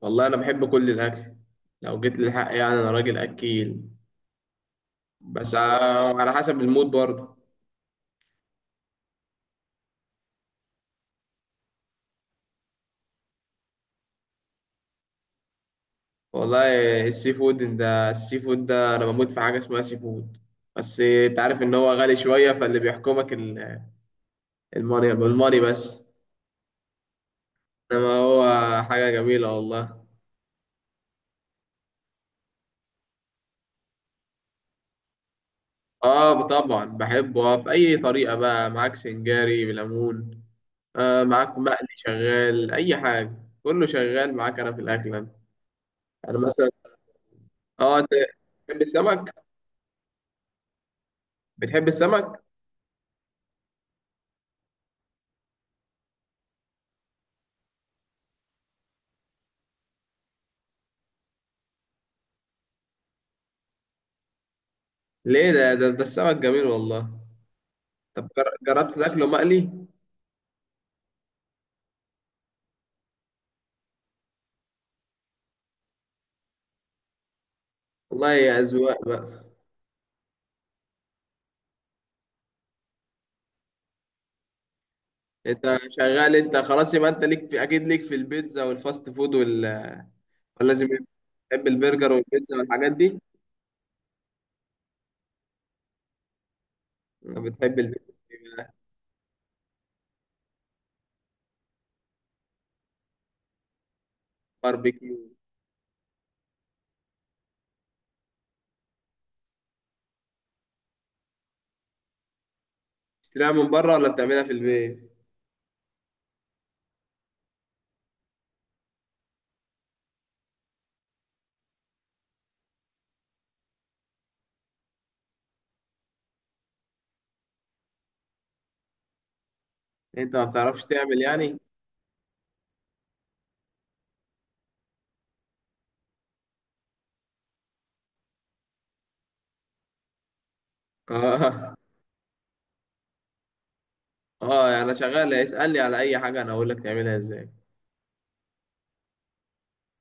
والله انا بحب كل الاكل. لو جيت للحق يعني انا راجل اكيل. بس على حسب المود برضه. والله السي فود ده انا بموت في حاجه اسمها سي فود. بس انت عارف ان هو غالي شويه فاللي بيحكمك الماني الماني بس. انما هو حاجه جميله والله. اه طبعا بحبه، في اي طريقه بقى معاك سنجاري بليمون. معاك مقلي شغال اي حاجه. كله شغال معاك انا في الاكل انا. أنا مثلا. اه انت بتحب السمك. بتحب السمك؟ ليه ده السمك جميل والله. طب جربت تاكله مقلي؟ والله يا أذواق بقى. انت شغال انت خلاص، يبقى انت ليك في اكيد ليك في البيتزا والفاست فود وال، ولا لازم إيه؟ بتحب البرجر والبيتزا والحاجات دي؟ بتحب البيتزا بقى، باربيكيو. بتشتريها من بره ولا بتعملها في البيت؟ انت ما بتعرفش تعمل يعني؟ اه اه، يعني انا شغال، اسألني على اي حاجة انا اقول لك تعملها ازاي.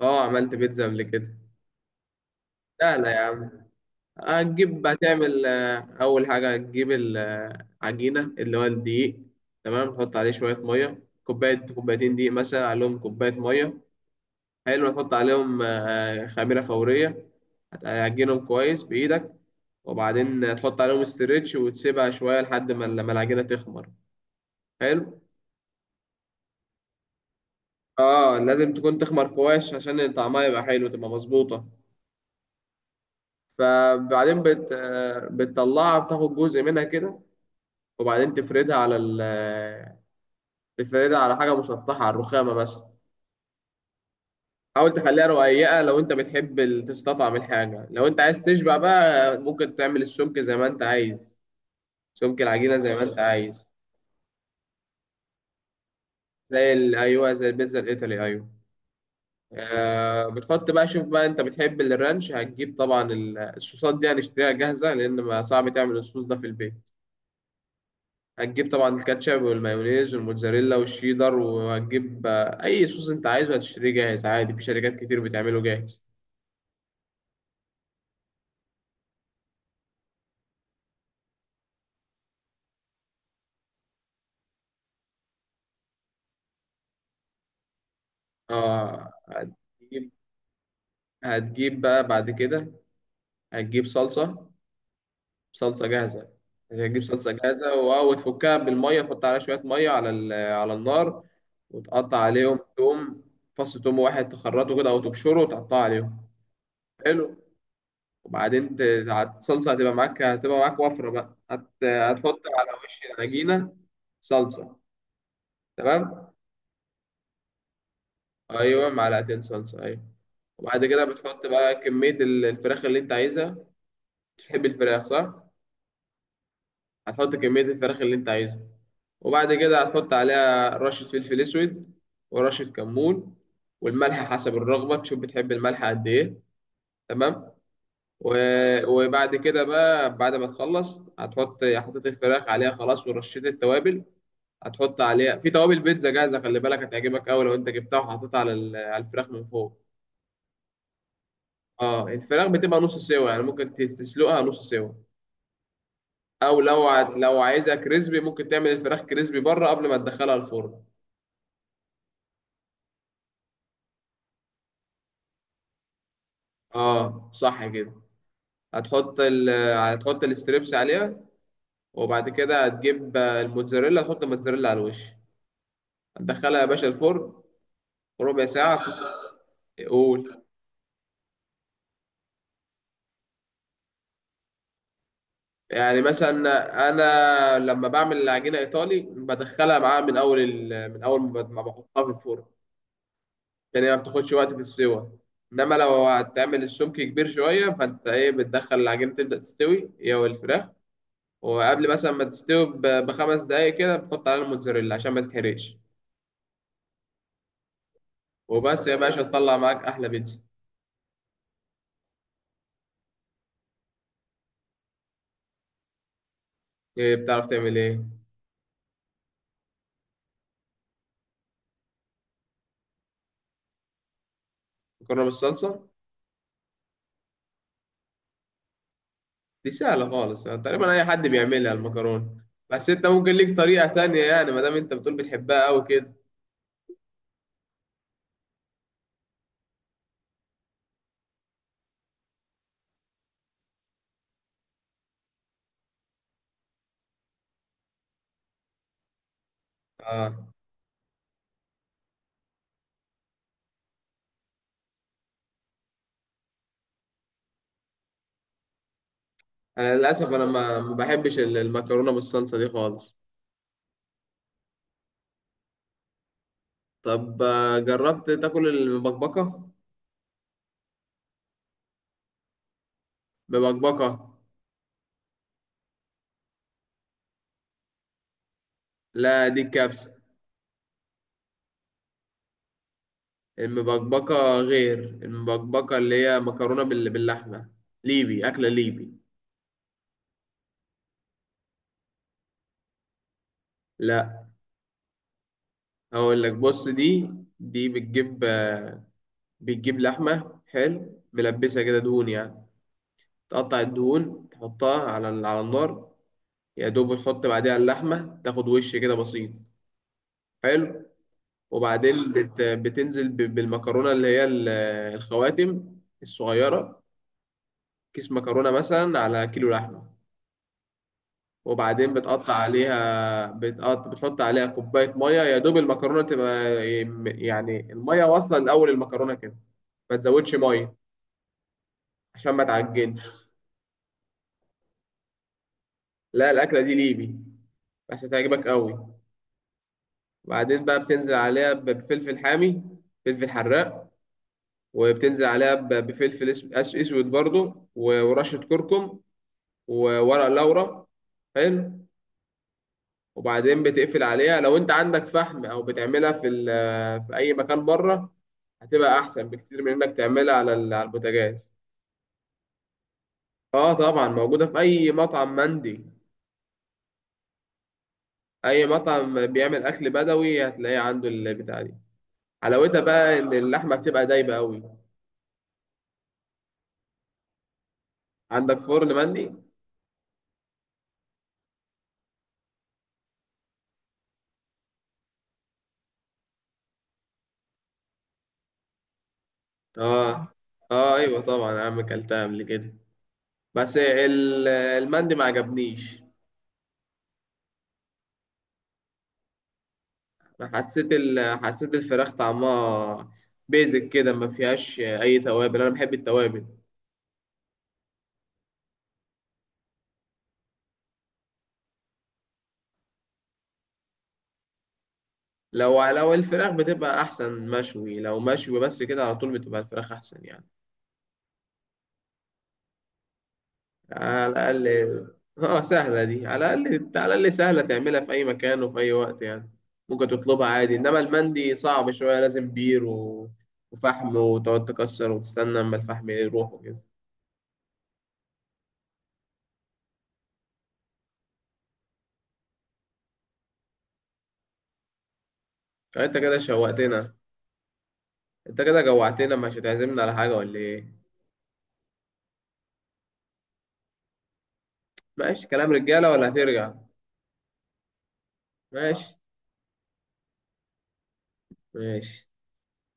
اه عملت بيتزا قبل كده. لا لا يا عم. هتجيب هتعمل آه، أول حاجة هتجيب العجينة اللي هو الدقيق. تمام، تحط عليه شوية مية، كوباية كوبايتين دقيق مثلا عليهم كوباية مية. حلو، تحط عليهم خميرة فورية. هتعجنهم كويس بإيدك. وبعدين تحط عليهم استريتش وتسيبها شوية لحد ما العجينة تخمر. حلو. اه لازم تكون تخمر كويس عشان طعمها يبقى حلو تبقى مظبوطة. فبعدين بت... آه، بتطلعها، بتاخد جزء منها كده. وبعدين تفردها على ال آه، تفردها على حاجة مسطحة، على الرخامة مثلا. حاول تخليها رقيقة لو أنت بتحب تستطعم الحاجة. لو أنت عايز تشبع بقى ممكن تعمل السمك زي ما أنت عايز. سمك العجينة زي ما أنت عايز. أيوه، زي البيتزا الإيطالي أيوه. آه بتحط بقى، شوف بقى، أنت بتحب الرانش، هتجيب طبعا الصوصات دي هنشتريها جاهزة، لأن ما صعب تعمل الصوص ده في البيت. هتجيب طبعا الكاتشب والمايونيز والموتزاريلا والشيدر، وهتجيب أي صوص أنت عايزه هتشتريه جاهز عادي. في شركات كتير بتعمله جاهز. اه هتجيب بقى بعد كده. هتجيب صلصة، صلصة جاهزة. هتجيب صلصة جاهزة و- وتفكها بالمية. تحط عليها شوية مية على على النار. وتقطع عليهم توم. فص توم واحد تخرطه كده أو تبشره وتقطعه عليهم. حلو. وبعدين الصلصة هتبقى معاك، هتبقى معاك وفرة بقى، هتحط على وش العجينة. صلصة. تمام. أيوة، معلقتين صلصة أيوة. وبعد كده بتحط بقى كمية الفراخ اللي أنت عايزها. تحب الفراخ صح؟ هتحط كمية الفراخ اللي انت عايزها. وبعد كده هتحط عليها رشة فلفل اسود ورشة كمون، والملح حسب الرغبة. تشوف بتحب الملح قد ايه. تمام. و- وبعد كده بقى، بعد ما تخلص هتحط، حطيت الفراخ عليها خلاص ورشيت التوابل. هتحط عليها في توابل بيتزا جاهزة، خلي بالك هتعجبك قوي لو انت جبتها وحطيتها على على الفراخ من فوق. اه الفراخ بتبقى نص سوا، يعني ممكن تسلقها نص سوا. او لو لو عايزها كريسبي ممكن تعمل الفراخ كريسبي بره قبل ما تدخلها الفرن. اه صح كده. هتحط ال هتحط الستريبس عليها. وبعد كده هتجيب الموتزاريلا، تحط الموتزاريلا على الوش. هتدخلها يا باشا الفرن ربع ساعة. قول. يعني مثلا انا لما بعمل العجينة ايطالي بدخلها معاها من اول ما بحطها في الفرن، عشان هي ما بتاخدش وقت في السوا. انما لو هتعمل السمك كبير شوية فانت ايه، بتدخل العجينة تبدأ تستوي هي والفراخ. وقبل مثلا ما تستوي ب- بخمس دقايق كده بتحط عليها الموتزاريلا عشان ما تتحرقش. وبس يا باشا، تطلع معاك احلى بيتزا. إيه بتعرف تعمل ايه. مكرونه بالصلصه. دي سهله خالص، يعني تقريبا اي حد بيعملها المكرونه. بس انت ممكن ليك طريقه ثانيه، يعني ما دام انت بتقول بتحبها قوي كده. اه انا للاسف انا ما بحبش المكرونه بالصلصه دي خالص. طب جربت تاكل المبكبكه. مبكبكه. لا دي كبسه. المبكبكه، غير المبكبكه اللي هي مكرونه بال- باللحمه. ليبي، اكله ليبي. لا، اقول لك بص دي. دي بتجيب لحمه حلو ملبسها كده دهون يعني. تقطع الدهون تحطها على على النار. يا دوب تحط بعديها اللحمه تاخد وش كده بسيط. حلو. وبعدين بتنزل ب- بالمكرونه اللي هي الخواتم الصغيره. كيس مكرونه مثلا على كيلو لحمه. وبعدين بتقطع عليها، بتحط عليها كوبايه ميه يا دوب المكرونه تبقى. يعني الميه واصله لاول المكرونه كده. ما تزودش ميه عشان ما تعجنش. لا الأكلة دي ليبي بس هتعجبك قوي. وبعدين بقى بتنزل عليها ب- بفلفل حامي، فلفل حراق. وبتنزل عليها ب- بفلفل اسود برضو، و- ورشة كركم، وورق لورا. حلو. وبعدين بتقفل عليها لو انت عندك فحم او بتعملها في في اي مكان بره. هتبقى احسن بكتير من انك تعملها على على البوتاجاز. اه طبعا موجودة في اي مطعم مندي. اي مطعم بيعمل اكل بدوي هتلاقيه عنده البتاع دي. حلاوتها بقى ان اللحمه بتبقى دايبه قوي. عندك فرن مندي. اه اه ايوه طبعا يا عم، اكلتها قبل كده. بس المندي ما عجبنيش. انا حسيت الفراخ طعمها بيزك كده، ما فيهاش اي توابل. انا بحب التوابل. لو الفراخ بتبقى احسن مشوي. لو مشوي بس كده على طول بتبقى الفراخ احسن يعني. على الأقل. اه سهلة دي، على الأقل، على الأقل سهلة تعملها في أي مكان وفي أي وقت يعني. ممكن تطلبها عادي، إنما المندي صعب شوية، لازم بير و... وفحم، وتقعد تكسر وتستنى أما الفحم يروح وكده. فأنت كده شوقتنا. أنت كده جوعتنا، مش هتعزمنا على حاجة ولا إيه؟ ماشي، كلام رجالة ولا هترجع؟ ماشي. ماشي.